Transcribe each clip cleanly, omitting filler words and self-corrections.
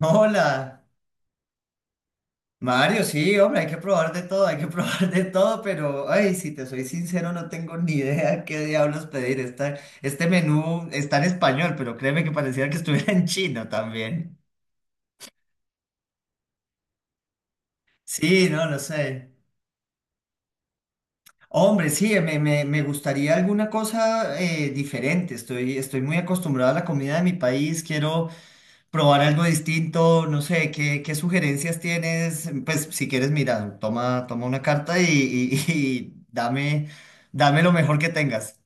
Hola, Mario, sí, hombre, hay que probar de todo, hay que probar de todo, pero, ay, si te soy sincero, no tengo ni idea qué diablos pedir. Este menú está en español, pero créeme que parecía que estuviera en chino también. Sí, no, no sé. Hombre, sí, me gustaría alguna cosa diferente. Estoy muy acostumbrado a la comida de mi país, quiero probar algo distinto, no sé, ¿qué sugerencias tienes? Pues si quieres, mira, toma, toma una carta y dame, dame lo mejor que tengas.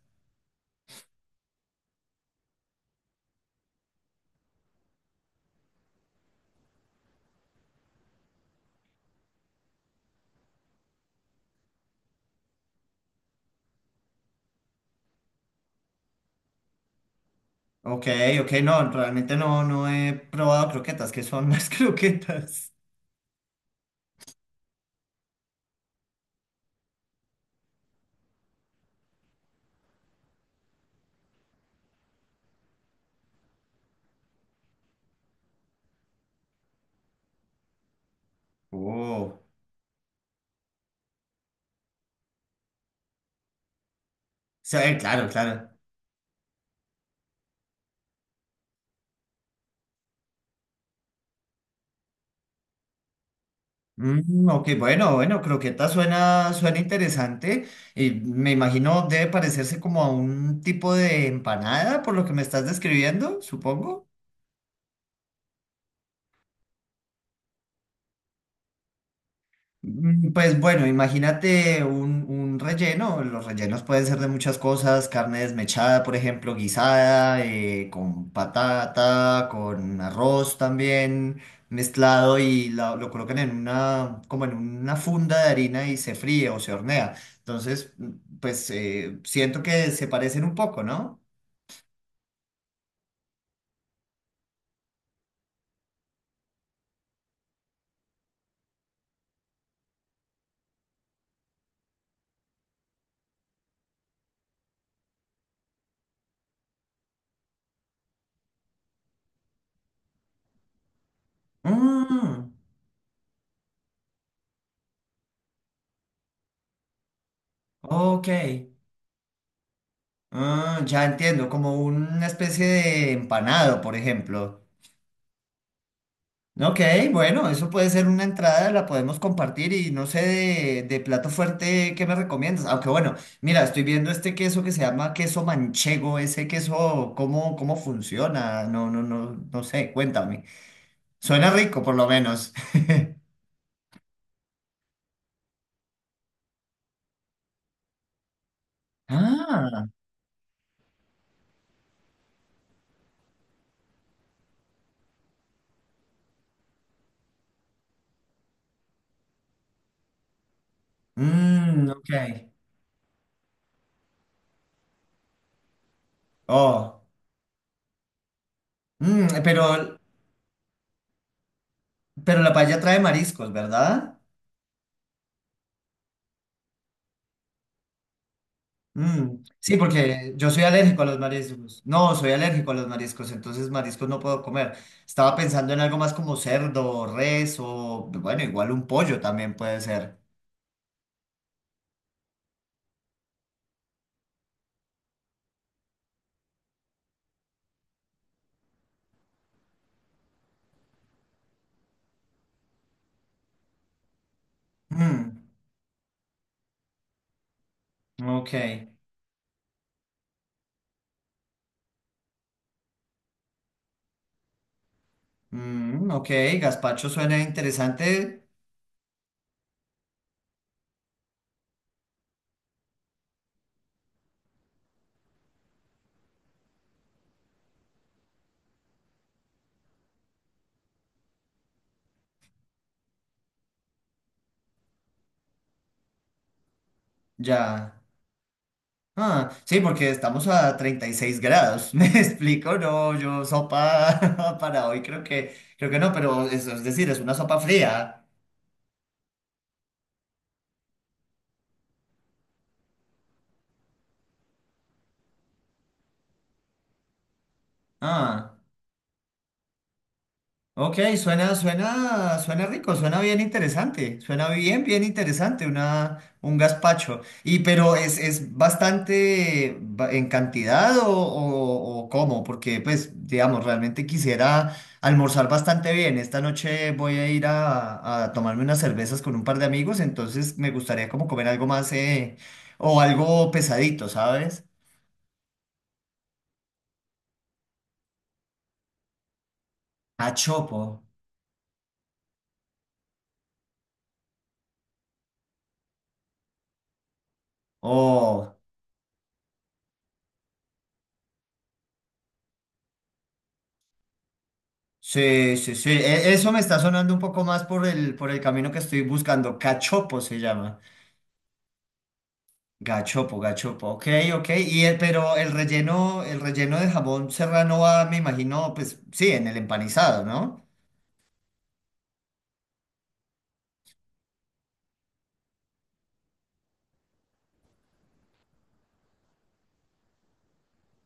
Ok, ok, no, realmente no, no he probado croquetas, ¿qué son las croquetas? Oh, sí, claro, claro. Mm, ok, bueno, bueno, croqueta suena interesante y me imagino debe parecerse como a un tipo de empanada por lo que me estás describiendo, supongo. Pues bueno, imagínate un relleno. Los rellenos pueden ser de muchas cosas, carne desmechada, por ejemplo, guisada, con patata, con arroz también mezclado y lo colocan en una, como en una funda de harina y se fríe o se hornea. Entonces, pues siento que se parecen un poco, ¿no? Mm, ok. Ah, ya entiendo, como una especie de empanado, por ejemplo. Ok, bueno, eso puede ser una entrada, la podemos compartir y no sé de plato fuerte qué me recomiendas. Aunque bueno, mira, estoy viendo este queso que se llama queso manchego, ese queso, ¿cómo funciona? No, no, no, no sé, cuéntame. Suena rico por lo menos. Ah, mmm, ok. Oh, mm, pero, pero la paella trae mariscos, ¿verdad? Mm, sí, porque yo soy alérgico a los mariscos. No, soy alérgico a los mariscos, entonces mariscos no puedo comer. Estaba pensando en algo más como cerdo, res o, bueno, igual un pollo también puede ser. Mm, ok. Mm, ok, gazpacho suena interesante. Ya. Ah, sí, porque estamos a 36 grados. ¿Me explico? No, yo sopa para hoy creo que no, pero eso es decir, es una sopa fría. Ah. Ok, suena rico, suena bien interesante, suena bien, bien interesante, un gazpacho. Y pero es bastante en cantidad o cómo, porque pues, digamos, realmente quisiera almorzar bastante bien. Esta noche voy a ir a tomarme unas cervezas con un par de amigos, entonces me gustaría como comer algo más o algo pesadito, ¿sabes? A chopo. Oh. Sí, sí, sí. Eso me está sonando un poco más por el camino que estoy buscando. Cachopo se llama. Gachopo, gachopo. Ok, ok. Y pero el relleno de jamón serrano va, me imagino, pues sí, en el empanizado, ¿no?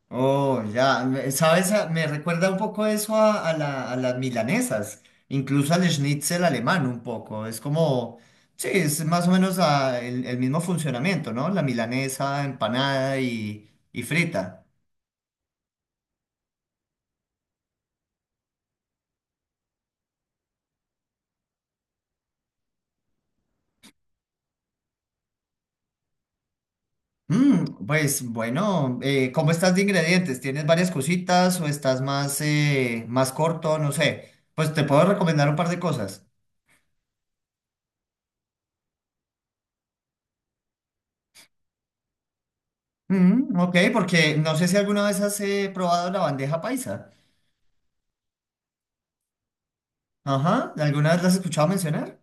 Oh, ya. ¿Sabes? Me recuerda un poco eso a, a las milanesas. Incluso al schnitzel alemán un poco. Es como, sí, es más o menos el mismo funcionamiento, ¿no? La milanesa empanada y frita. Pues bueno, ¿cómo estás de ingredientes? ¿Tienes varias cositas o estás más, más corto? No sé. Pues te puedo recomendar un par de cosas. Mm, ok, porque no sé si alguna vez has probado la bandeja paisa. Ajá, ¿alguna vez la has escuchado mencionar?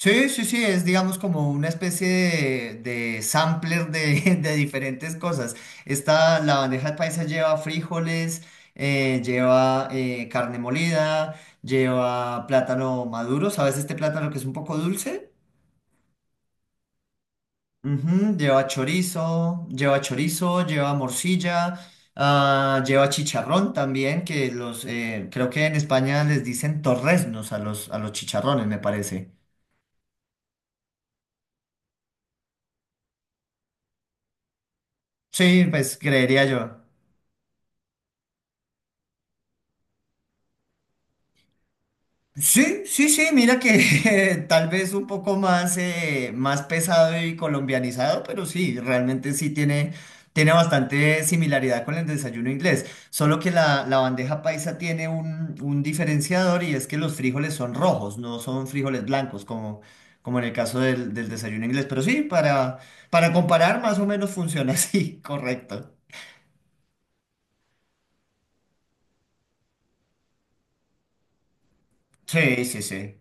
Sí, sí, sí, es digamos como una especie de sampler de, de diferentes cosas. Esta, la bandeja paisa lleva frijoles, lleva carne molida, lleva plátano maduro, ¿sabes este plátano que es un poco dulce? Ujú, lleva chorizo, lleva chorizo, lleva morcilla, ah, lleva chicharrón también, que los, creo que en España les dicen torreznos a los, chicharrones, me parece. Sí, pues creería yo. Sí, sí, sí, mira que tal vez un poco más, más pesado y colombianizado, pero sí, realmente sí tiene, tiene bastante similaridad con el desayuno inglés, solo que la bandeja paisa tiene un diferenciador y es que los frijoles son rojos, no son frijoles blancos como en el caso del desayuno inglés, pero sí, para comparar más o menos funciona así, correcto. Sí, sí, sí.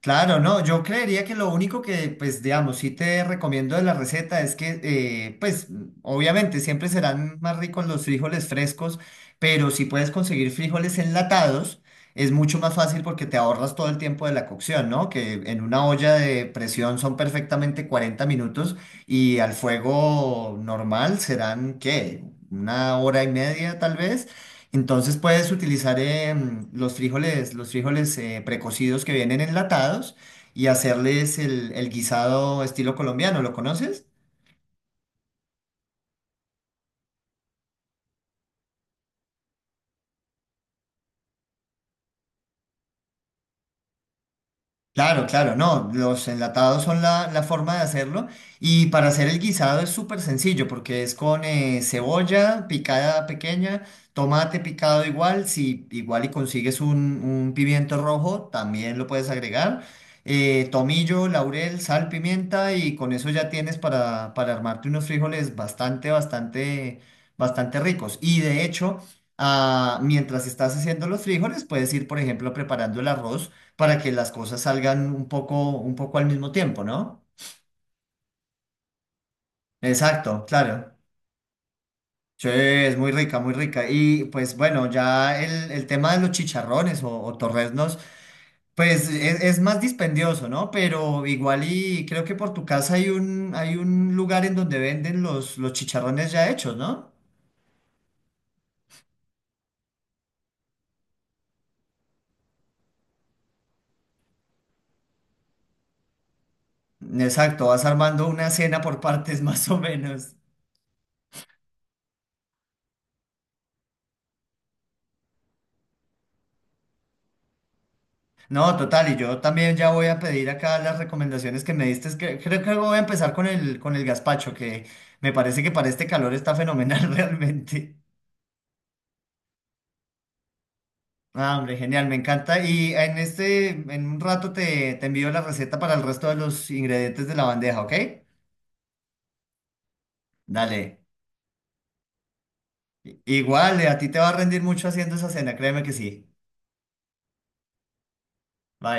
Claro, no, yo creería que lo único que, pues, digamos, sí te recomiendo de la receta es que, pues, obviamente siempre serán más ricos los frijoles frescos, pero si puedes conseguir frijoles enlatados, es mucho más fácil porque te ahorras todo el tiempo de la cocción, ¿no? Que en una olla de presión son perfectamente 40 minutos y al fuego normal serán, ¿qué? Una hora y media tal vez. Entonces puedes utilizar los frijoles precocidos que vienen enlatados y hacerles el guisado estilo colombiano. ¿Lo conoces? Claro, claro, no, los enlatados son la forma de hacerlo y para hacer el guisado es súper sencillo porque es con cebolla picada pequeña, tomate picado igual, si igual y consigues un pimiento rojo también lo puedes agregar, tomillo, laurel, sal, pimienta y con eso ya tienes para armarte unos frijoles bastante, bastante, bastante ricos y de hecho... ah, mientras estás haciendo los frijoles, puedes ir, por ejemplo, preparando el arroz para que las cosas salgan un poco al mismo tiempo, ¿no? Exacto, claro. Sí, es muy rica, muy rica. Y pues bueno, ya el tema de los chicharrones o torreznos, pues es más dispendioso, ¿no? Pero igual y creo que por tu casa hay un lugar en donde venden los chicharrones ya hechos, ¿no? Exacto, vas armando una cena por partes más o menos. No, total, y yo también ya voy a pedir acá las recomendaciones que me diste. Es que creo que voy a empezar con el gazpacho, que me parece que para este calor está fenomenal realmente. Ah, hombre, genial, me encanta. Y en un rato te, te envío la receta para el resto de los ingredientes de la bandeja, ¿ok? Dale. Igual, a ti te va a rendir mucho haciendo esa cena, créeme que sí. Bye.